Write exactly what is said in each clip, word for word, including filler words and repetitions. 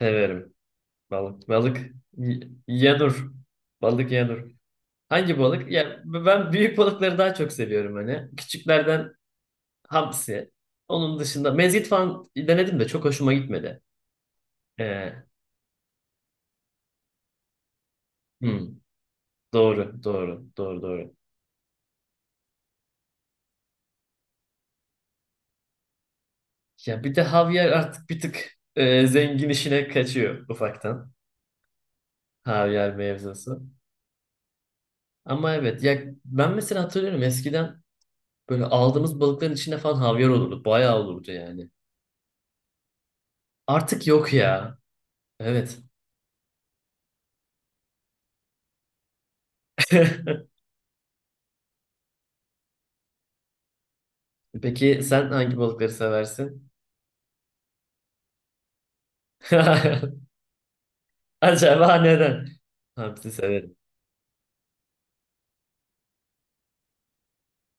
Severim balık. Balık y- yanur. Balık yanur. Hangi balık? Ya ben büyük balıkları daha çok seviyorum hani. Küçüklerden hamsi. Onun dışında mezgit falan denedim de çok hoşuma gitmedi. Ee, hmm, doğru, doğru, doğru, doğru. Ya bir de havyar artık bir tık e, zengin işine kaçıyor ufaktan. Havyar mevzusu. Ama evet ya ben mesela hatırlıyorum eskiden böyle aldığımız balıkların içinde falan havyar olurdu. Bayağı olurdu yani. Artık yok ya. Evet. Peki sen hangi balıkları seversin? Acaba neden? Hamsi severim.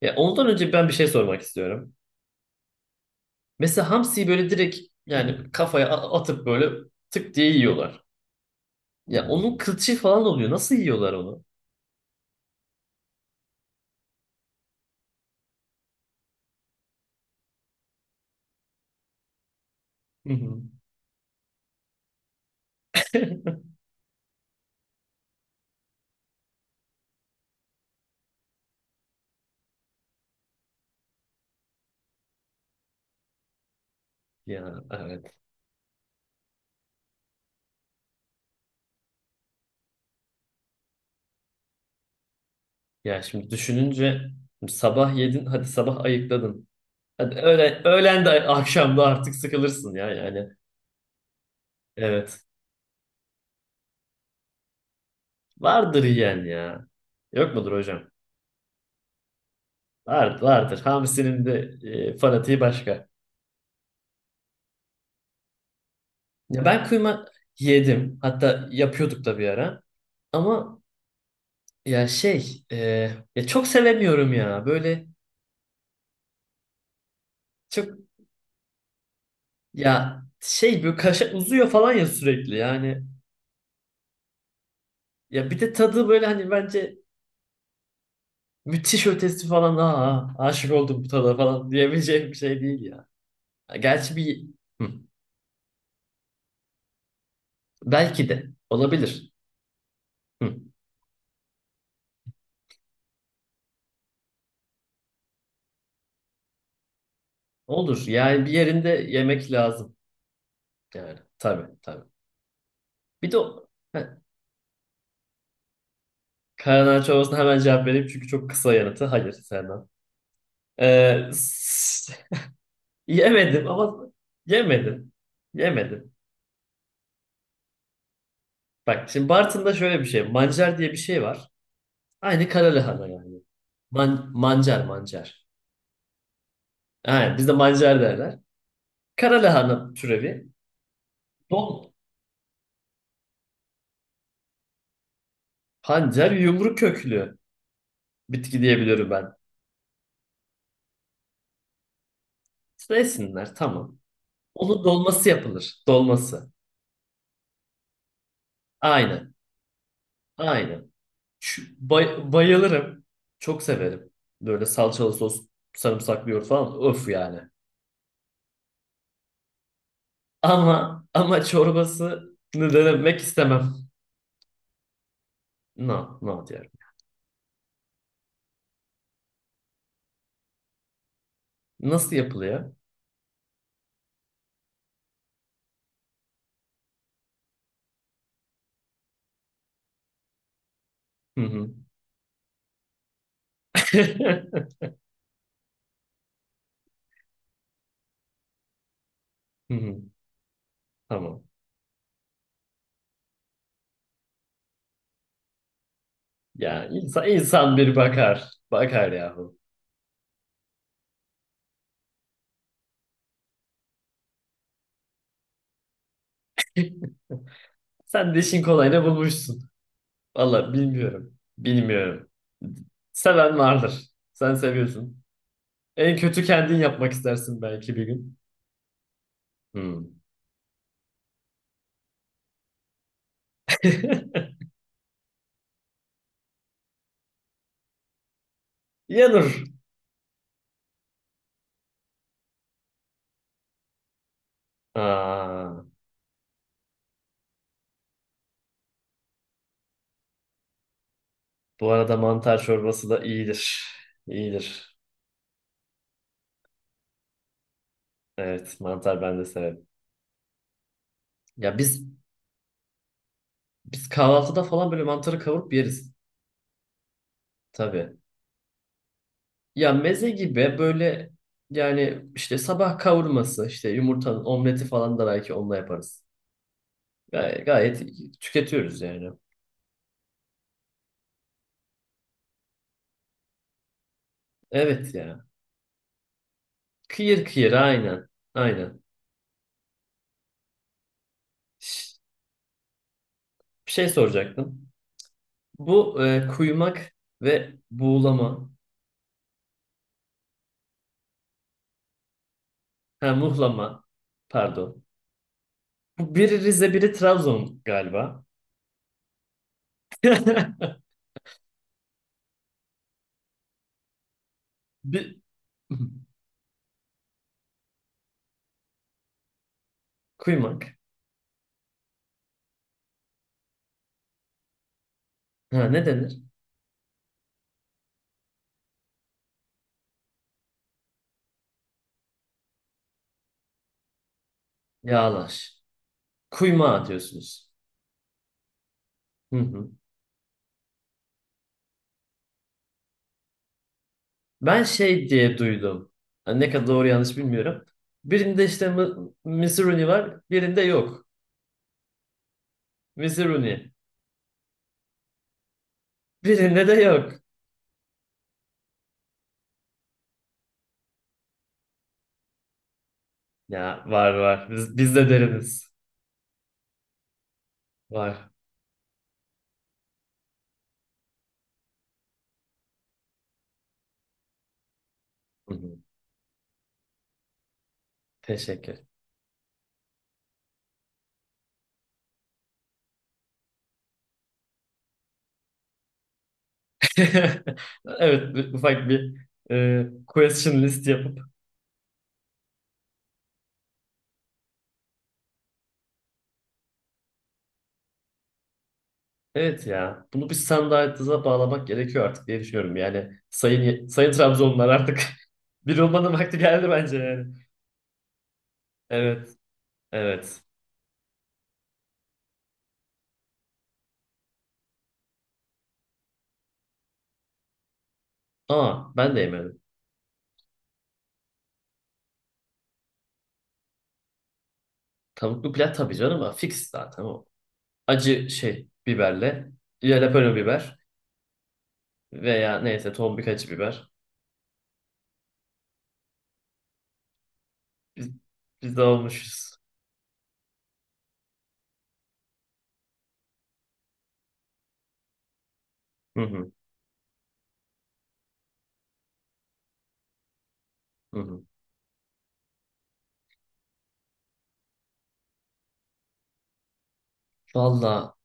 Ya ondan önce ben bir şey sormak istiyorum. Mesela hamsiyi böyle direkt yani kafaya a- atıp böyle tık diye yiyorlar. Ya onun kılçığı falan oluyor. Nasıl yiyorlar onu? Hı hı. Ya evet. Ya şimdi düşününce şimdi sabah yedin, hadi sabah ayıkladın. Hadi öğlen, öğlen de akşam da artık sıkılırsın ya yani. Evet. Vardır yiyen ya. Yok mudur hocam? Vardır, vardır. Hamsinin de e, fanatiği başka. Ya ben kıyma yedim. Hatta yapıyorduk da bir ara. Ama ya şey, e, ya çok sevemiyorum ya. Böyle çok ya şey böyle kaşa uzuyor falan ya sürekli. Yani ya bir de tadı böyle hani bence müthiş ötesi falan. Aa, aşık oldum bu tada falan diyebileceğim bir şey değil ya. Ha, Gerçi bir hı. Belki de olabilir. Hı. Olur. Yani bir yerinde yemek lazım. Yani tabii, tabii. Bir de o- Ha, Karanağaç sorusuna hemen cevap vereyim çünkü çok kısa yanıtı. Hayır sevmem. Ee, s- yemedim ama yemedim. Yemedim. Bak şimdi Bartın'da şöyle bir şey. Mancar diye bir şey var. Aynı kara lahana yani. Man, mancar mancar. Aynen bizde mancar derler. Kara lahana türevi. Don, pancar yumru köklü bitki diyebiliyorum ben. Neysinler tamam. Onun dolması yapılır. Dolması. Aynen. Aynen. Şu- bay- bayılırım. Çok severim. Böyle salçalı sos, sarımsaklı yoğurt falan. Öf yani. Ama ama çorbasını denemek istemem. No, no diyorum. Nasıl yapılıyor? Hı hı. Hı hı. Tamam. Ya insan, insan bir bakar. Bakar yahu. Sen de işin kolayını bulmuşsun. Valla bilmiyorum. Bilmiyorum. Seven vardır. Sen seviyorsun. En kötü kendin yapmak istersin belki bir gün. Hı. Yanır. Aa, bu arada mantar çorbası da iyidir. İyidir. Evet, mantar ben de severim. Ya biz biz kahvaltıda falan böyle mantarı kavurup yeriz tabii. Ya meze gibi böyle yani işte sabah kavurması, işte yumurtanın omleti falan da belki onunla yaparız. Gay- Gayet, tüketiyoruz yani. Evet ya. Kıyır kıyır aynen. Aynen. Ş- Bir şey soracaktım. Bu e, kuymak ve buğulama, ha, muhlama pardon. Bu biri Rize, biri Trabzon galiba. Bir... Kuymak. Ha, ne denir? Yağlaş. Kuyma atıyorsunuz. Hı hı. Ben şey diye duydum. Ha, ne kadar doğru yanlış bilmiyorum. Birinde işte mı- Misiruni var, birinde yok. Misiruni. Birinde de yok. Ya var, var. Biz, biz de deriniz. Var. Hı hı. Teşekkür. Evet, bir- ufak bir e, question list. Evet ya. Bunu bir standartıza bağlamak gerekiyor artık diye düşünüyorum. Yani sayın, sayın Trabzonlular artık bir olmanın vakti geldi bence yani. Evet. Evet. Aa, ben de yemedim. Tavuklu pilav tabii canım, ama fix zaten o. Acı şey biberle jalapeno biber veya neyse tombik acı biber. Biz, biz de olmuşuz. Hı hı, hı hı. Valla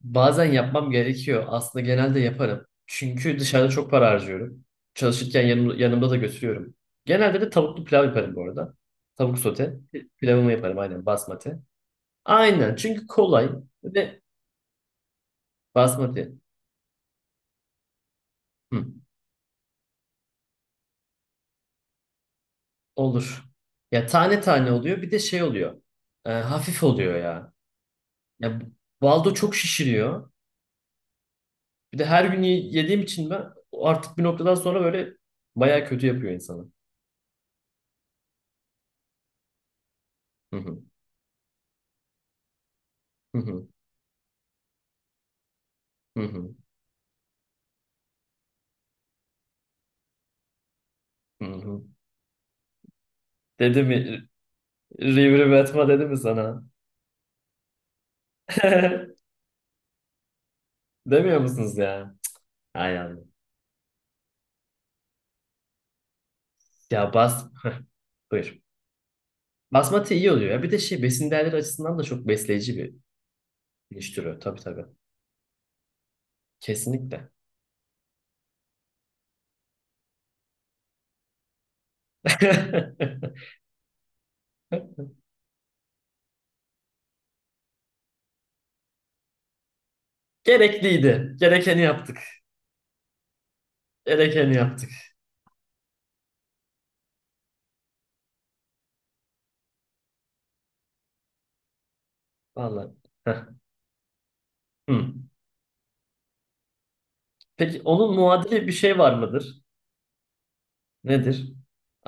bazen yapmam gerekiyor. Aslında genelde yaparım. Çünkü dışarıda çok para harcıyorum. Çalışırken yanım, yanımda da götürüyorum. Genelde de tavuklu pilav yaparım bu arada. Tavuk sote. Pilavımı yaparım aynen basmati. Aynen çünkü kolay ve basmati. Hı, olur. Ya tane tane oluyor, bir de şey oluyor. Ee, hafif oluyor ya. Ya baldo çok şişiriyor. Bir de her gün y- yediğim için ben artık bir noktadan sonra böyle baya kötü yapıyor insanı. Hı hı, hı hı, hı hı, hı hı. Dedi mi? Rivri Batma dedi mi sana? Demiyor musunuz ya? Hay Allah. Ya bas... Buyur. Basmati iyi oluyor ya. Bir de şey, besin değerleri açısından da çok besleyici bir güneş türü. Tabii, tabii. Kesinlikle. Gerekliydi. Gerekeni yaptık. Gerekeni yaptık. Vallahi. Heh. Hmm. Peki onun muadili bir şey var mıdır? Nedir?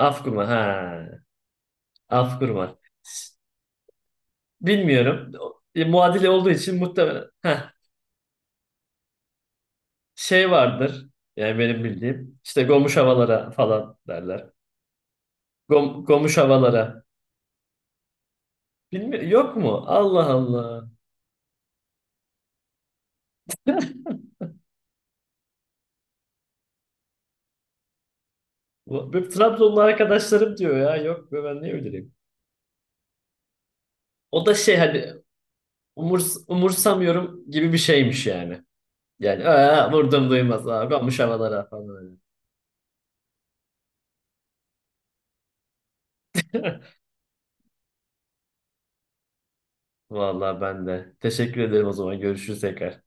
Afkurma. Ha. Afkurma. Bilmiyorum. O- e, muadili olduğu için muhtemelen. Heh. Şey vardır. Yani benim bildiğim. İşte gomuş havalara falan derler. Gom, gomuş havalara. Bilmiyorum, yok mu? Allah Allah. Bu- Benim Trabzonlu arkadaşlarım diyor ya. Yok be, ben ne bileyim. O da şey, hani umurs, umursamıyorum gibi bir şeymiş yani. Yani "Aa, vurdum duymaz. Aa, gomuş havalara" falan öyle. Vallahi ben de. Teşekkür ederim o zaman. Görüşürüz tekrar.